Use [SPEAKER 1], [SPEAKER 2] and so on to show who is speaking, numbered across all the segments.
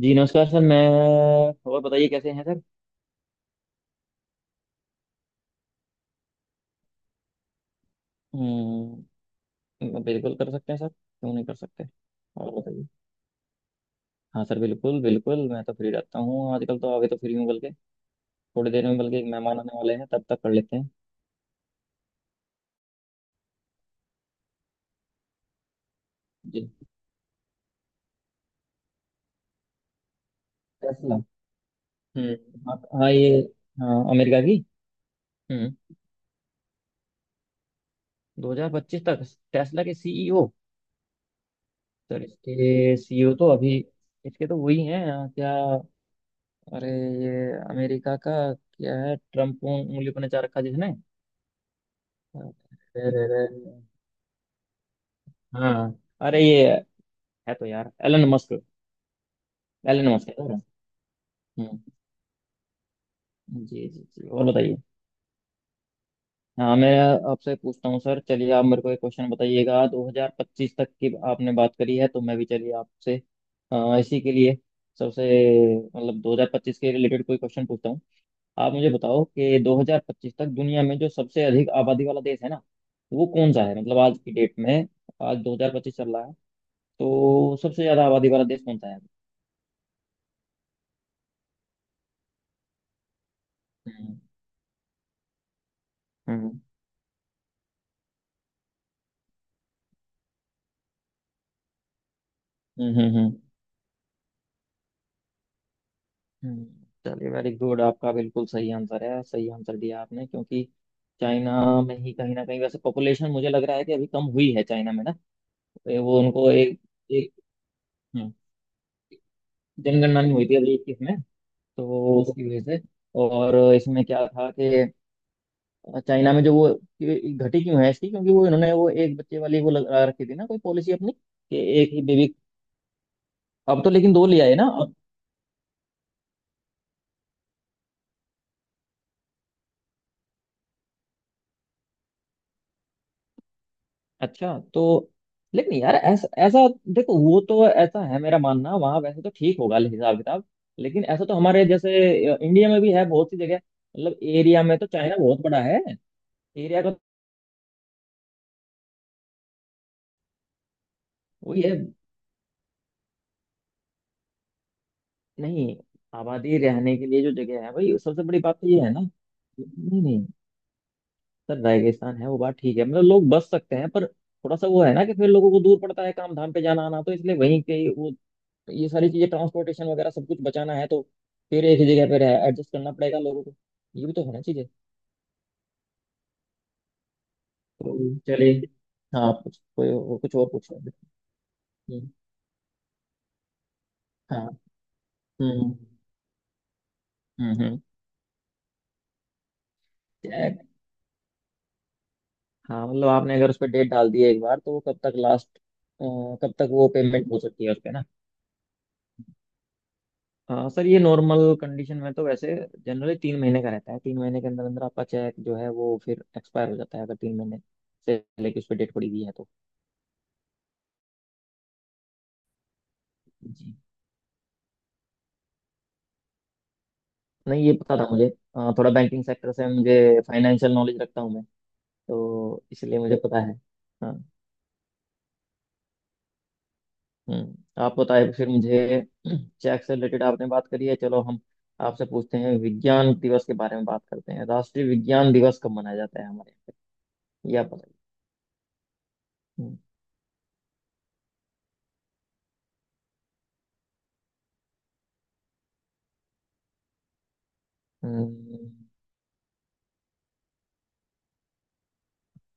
[SPEAKER 1] जी नमस्कार सर। मैं और बताइए कैसे हैं सर। हम्म। बिल्कुल कर सकते हैं सर, क्यों नहीं कर सकते। और बताइए। हाँ सर बिल्कुल बिल्कुल, मैं तो फ्री रहता हूँ आजकल, तो अभी तो फ्री हूँ बल्कि। थोड़ी देर में बल्कि एक मेहमान आने वाले हैं, तब तक कर लेते हैं। जी। टेस्ला। हम्म, हाँ हाँ, ये। हाँ अमेरिका की। हम्म। 2025 तक टेस्ला के सीईओ। सर इसके सीईओ तो अभी, इसके तो वही हैं, क्या, अरे ये अमेरिका का क्या है, ट्रम्प उंगली पर नचा रखा जिसने। अरे रे रे, हाँ अरे ये, है तो यार एलन मस्क। एलन मस्क है सर। हम्म। जी जी जी, और बताइए। हाँ मैं आपसे पूछता हूँ सर, चलिए आप मेरे को एक क्वेश्चन बताइएगा। 2025 तक की आपने बात करी है, तो मैं भी चलिए आपसे इसी के लिए सबसे, मतलब 2025 के रिलेटेड कोई क्वेश्चन पूछता हूँ। आप मुझे बताओ कि 2025 तक दुनिया में जो सबसे अधिक आबादी वाला देश है ना, वो कौन सा है, मतलब आज की डेट में। आज 2025 चल रहा है, तो सबसे ज्यादा आबादी वाला देश कौन सा है। हम्म हम्म हम्म हम्म, हम्म, हम्म। चलिए वेरी गुड, आपका बिल्कुल सही आंसर है, सही आंसर दिया आपने, क्योंकि चाइना में ही कहीं ना कहीं वैसे पॉपुलेशन मुझे लग रहा है कि अभी कम हुई है चाइना में ना। वो उनको एक एक हम्म, जनगणना नहीं हुई थी अभी इक्कीस में। तो उसकी वजह से और इसमें क्या था कि चाइना में जो वो कि घटी क्यों है इसकी, क्योंकि वो इन्होंने वो एक बच्चे वाली वो लगा रखी थी ना कोई पॉलिसी अपनी, कि एक ही बेबी। अब तो लेकिन दो ले आए ना। अच्छा तो। लेकिन यार ऐसा ऐसा देखो, वो तो ऐसा है मेरा मानना, वहाँ वैसे तो ठीक होगा हिसाब किताब, लेकिन ऐसा तो हमारे जैसे इंडिया में भी है बहुत सी जगह, मतलब एरिया में तो चाइना बहुत बड़ा है। एरिया का वही है। नहीं, आबादी रहने के लिए जो जगह है भाई, सबसे बड़ी बात तो ये है ना। नहीं नहीं, सर रेगिस्तान है वो बात ठीक है, मतलब लोग बस सकते हैं, पर थोड़ा सा वो है ना, कि फिर लोगों को दूर पड़ता है काम धाम पे जाना आना, तो इसलिए वहीं के ही वो। ये सारी चीजें ट्रांसपोर्टेशन वगैरह सब कुछ बचाना है, तो फिर एक ही जगह पे रह एडजस्ट करना पड़ेगा लोगों को। ये भी तो होना चाहिए। तो चलिए। हाँ आप कुछ कोई कुछ और पूछ रहे थे। हम्म, हाँ हम्म हम्म हम्म, check। हाँ मतलब आपने अगर उस पर डेट डाल दी है एक बार, तो वो कब तक लास्ट, कब तक वो पेमेंट हो सकती है उस पर ना। हाँ सर, ये नॉर्मल कंडीशन में तो वैसे जनरली तीन महीने का रहता है। तीन महीने के अंदर अंदर आपका चेक जो है वो फिर एक्सपायर हो जाता है, अगर तीन महीने से लेके उस पर डेट पड़ी हुई है तो। जी। नहीं ये पता था मुझे। थोड़ा बैंकिंग सेक्टर से मुझे, फाइनेंशियल नॉलेज रखता हूँ मैं, तो इसलिए मुझे पता है। हाँ। हम्म। आप बताए फिर मुझे, चेक से रिलेटेड आपने बात करी है, चलो हम आपसे पूछते हैं विज्ञान दिवस के बारे में। बात करते हैं, राष्ट्रीय विज्ञान दिवस कब मनाया जाता है हमारे यहाँ पे, यह पता। हम्म हम्म,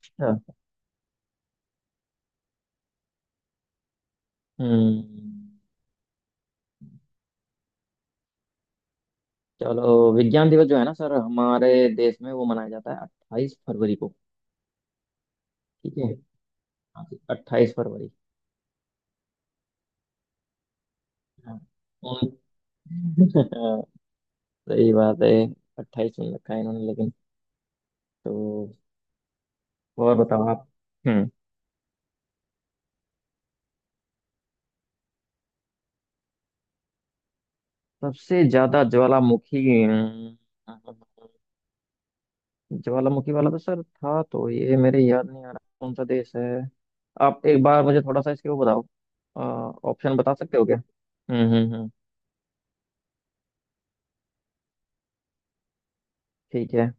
[SPEAKER 1] अच्छा, हम्म, चलो विज्ञान दिवस जो है ना सर, हमारे देश में वो मनाया जाता है अट्ठाईस फरवरी को। ठीक है। हाँ, अट्ठाईस फरवरी। हाँ। उन- सही बात है। अट्ठाईस में रखा है इन्होंने लेकिन। तो और बताओ आप। हम्म। सबसे ज्यादा ज्वालामुखी। ज्वालामुखी वाला तो सर था, तो ये मेरे याद नहीं आ रहा कौन सा देश है, आप एक बार मुझे थोड़ा सा इसके वो बताओ। ऑप्शन बता सकते हो क्या। हम्म। ठीक है।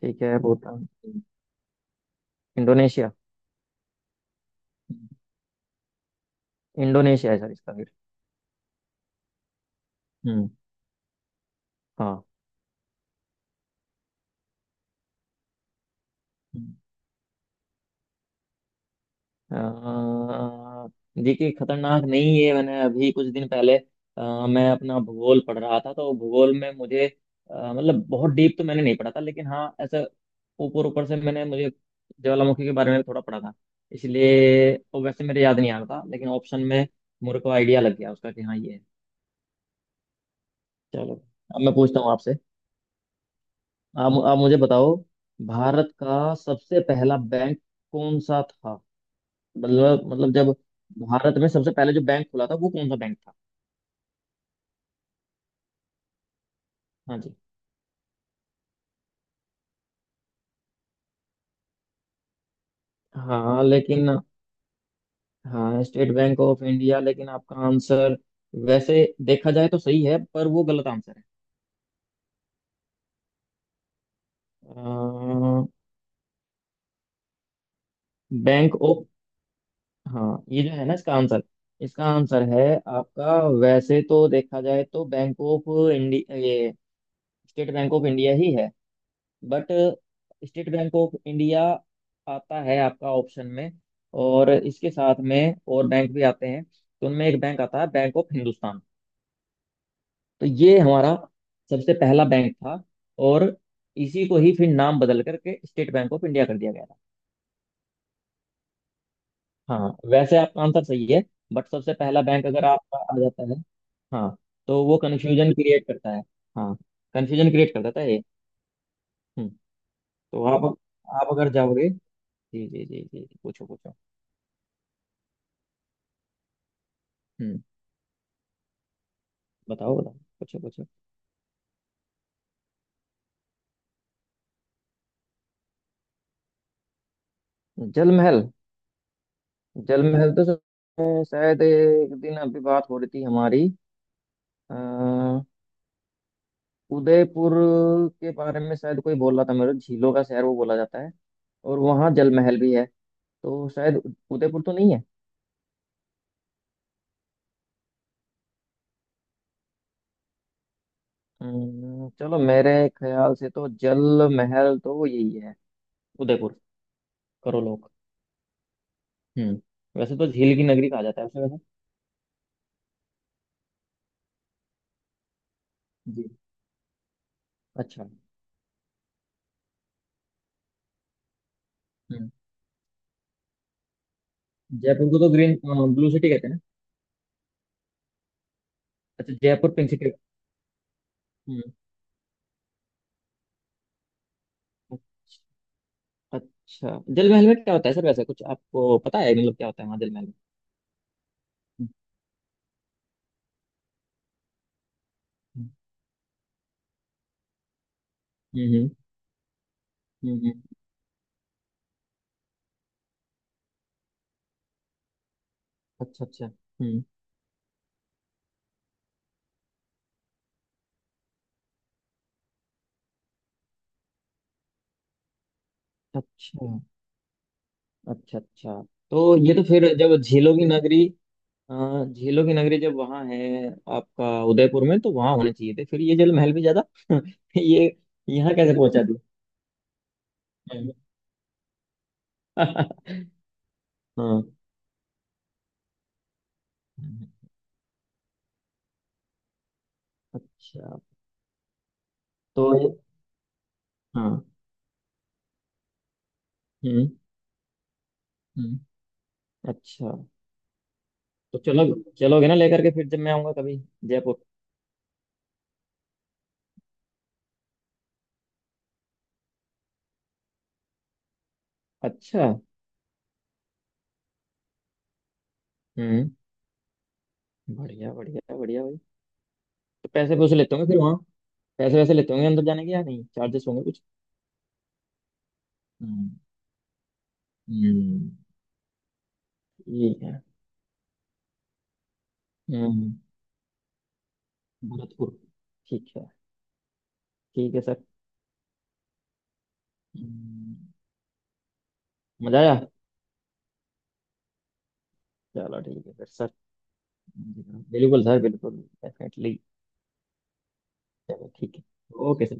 [SPEAKER 1] ठीक है भूटान। इंडोनेशिया। इंडोनेशिया है सर इसका फिर। हम्म। हाँ। अ, देखिए खतरनाक नहीं है, मैंने अभी कुछ दिन पहले मैं अपना भूगोल पढ़ रहा था, तो भूगोल में मुझे मतलब बहुत डीप तो मैंने नहीं पढ़ा था, लेकिन हाँ ऐसा ऊपर ऊपर से मैंने मुझे ज्वालामुखी के बारे में थोड़ा पढ़ा था, इसलिए वो वैसे मेरे याद नहीं आ रहा था, लेकिन ऑप्शन में मेरे को आइडिया लग गया उसका कि हाँ ये है। चलो, अब मैं पूछता हूँ आपसे, आप मुझे बताओ, भारत का सबसे पहला बैंक कौन सा था, मतलब जब भारत में सबसे पहले जो बैंक खुला था वो कौन सा बैंक था। हाँ जी। हाँ लेकिन, हाँ स्टेट बैंक ऑफ इंडिया, लेकिन आपका आंसर वैसे देखा जाए तो सही है पर वो गलत आंसर है। बैंक ऑफ, हाँ ये जो है ना इसका आंसर, इसका आंसर है, आपका वैसे तो देखा जाए तो बैंक ऑफ इंडिया, ये स्टेट बैंक ऑफ इंडिया ही है। But State Bank of India आता है आपका ऑप्शन में, और इसके साथ में और बैंक भी आते हैं, तो उनमें एक बैंक आता है बैंक ऑफ हिंदुस्तान, तो ये हमारा सबसे पहला बैंक था। और इसी को ही फिर नाम बदल करके स्टेट बैंक ऑफ इंडिया कर दिया गया था। हाँ वैसे आपका आंसर सही है, बट सबसे पहला बैंक अगर आपका आ जाता है। हाँ, तो वो कन्फ्यूजन क्रिएट करता है। हाँ, कन्फ्यूजन क्रिएट कर देता है ये। हम्म, तो आप अगर जाओगे। जी जी जी जी जी, पूछो पूछो। हम्म। बताओ बताओ, पूछो पूछो। जल महल। जल महल तो सर, शायद एक दिन अभी बात हो रही थी हमारी अ, उदयपुर के बारे में, शायद कोई बोल रहा था मेरे को, झीलों का शहर वो बोला जाता है, और वहाँ जल महल भी है, तो शायद उदयपुर तो नहीं है। चलो मेरे ख्याल से तो जल महल तो वो यही है, उदयपुर करो लोग। हम्म। वैसे तो झील की नगरी कहा जाता है उसे वैसे। जी। अच्छा। हम्म। जयपुर को तो ग्रीन, ब्लू सिटी कहते हैं ना। अच्छा जयपुर पिंक सिटी। हम्म। अच्छा जल महल में क्या होता है सर, वैसे कुछ आपको पता है, मतलब क्या होता है वहाँ जल महल में। हम्म हम्म हम्म, हम्म, हम्म, हम्म। अच्छा अच्छा हम्म। अच्छा अच्छा। अच्छा तो ये तो फिर जब झीलों की नगरी, झीलों की नगरी जब वहाँ है आपका उदयपुर में, तो वहाँ होने चाहिए थे फिर ये जल महल भी ज्यादा। ये, यहाँ कैसे पहुंचा दिया। हम्म। हाँ। हम्म, अच्छा। तो ये। हाँ। हम्म। हम्म। अच्छा। तो चलो, चलोगे ना लेकर के फिर जब मैं आऊंगा कभी। जयपुर, अच्छा। हम्म। बढ़िया बढ़िया बढ़िया भाई। तो पैसे वैसे लेते होंगे फिर वहाँ, पैसे वैसे लेते होंगे अंदर जाने के या नहीं, चार्जेस होंगे कुछ। हम्म। हम्म, ये है। हम्म। भरतपुर। ठीक है। ठीक है सर। हम्म, मजा आया। चलो ठीक है फिर सर। बिल्कुल सर बिल्कुल। डेफिनेटली। चलो ठीक है। Okay sir.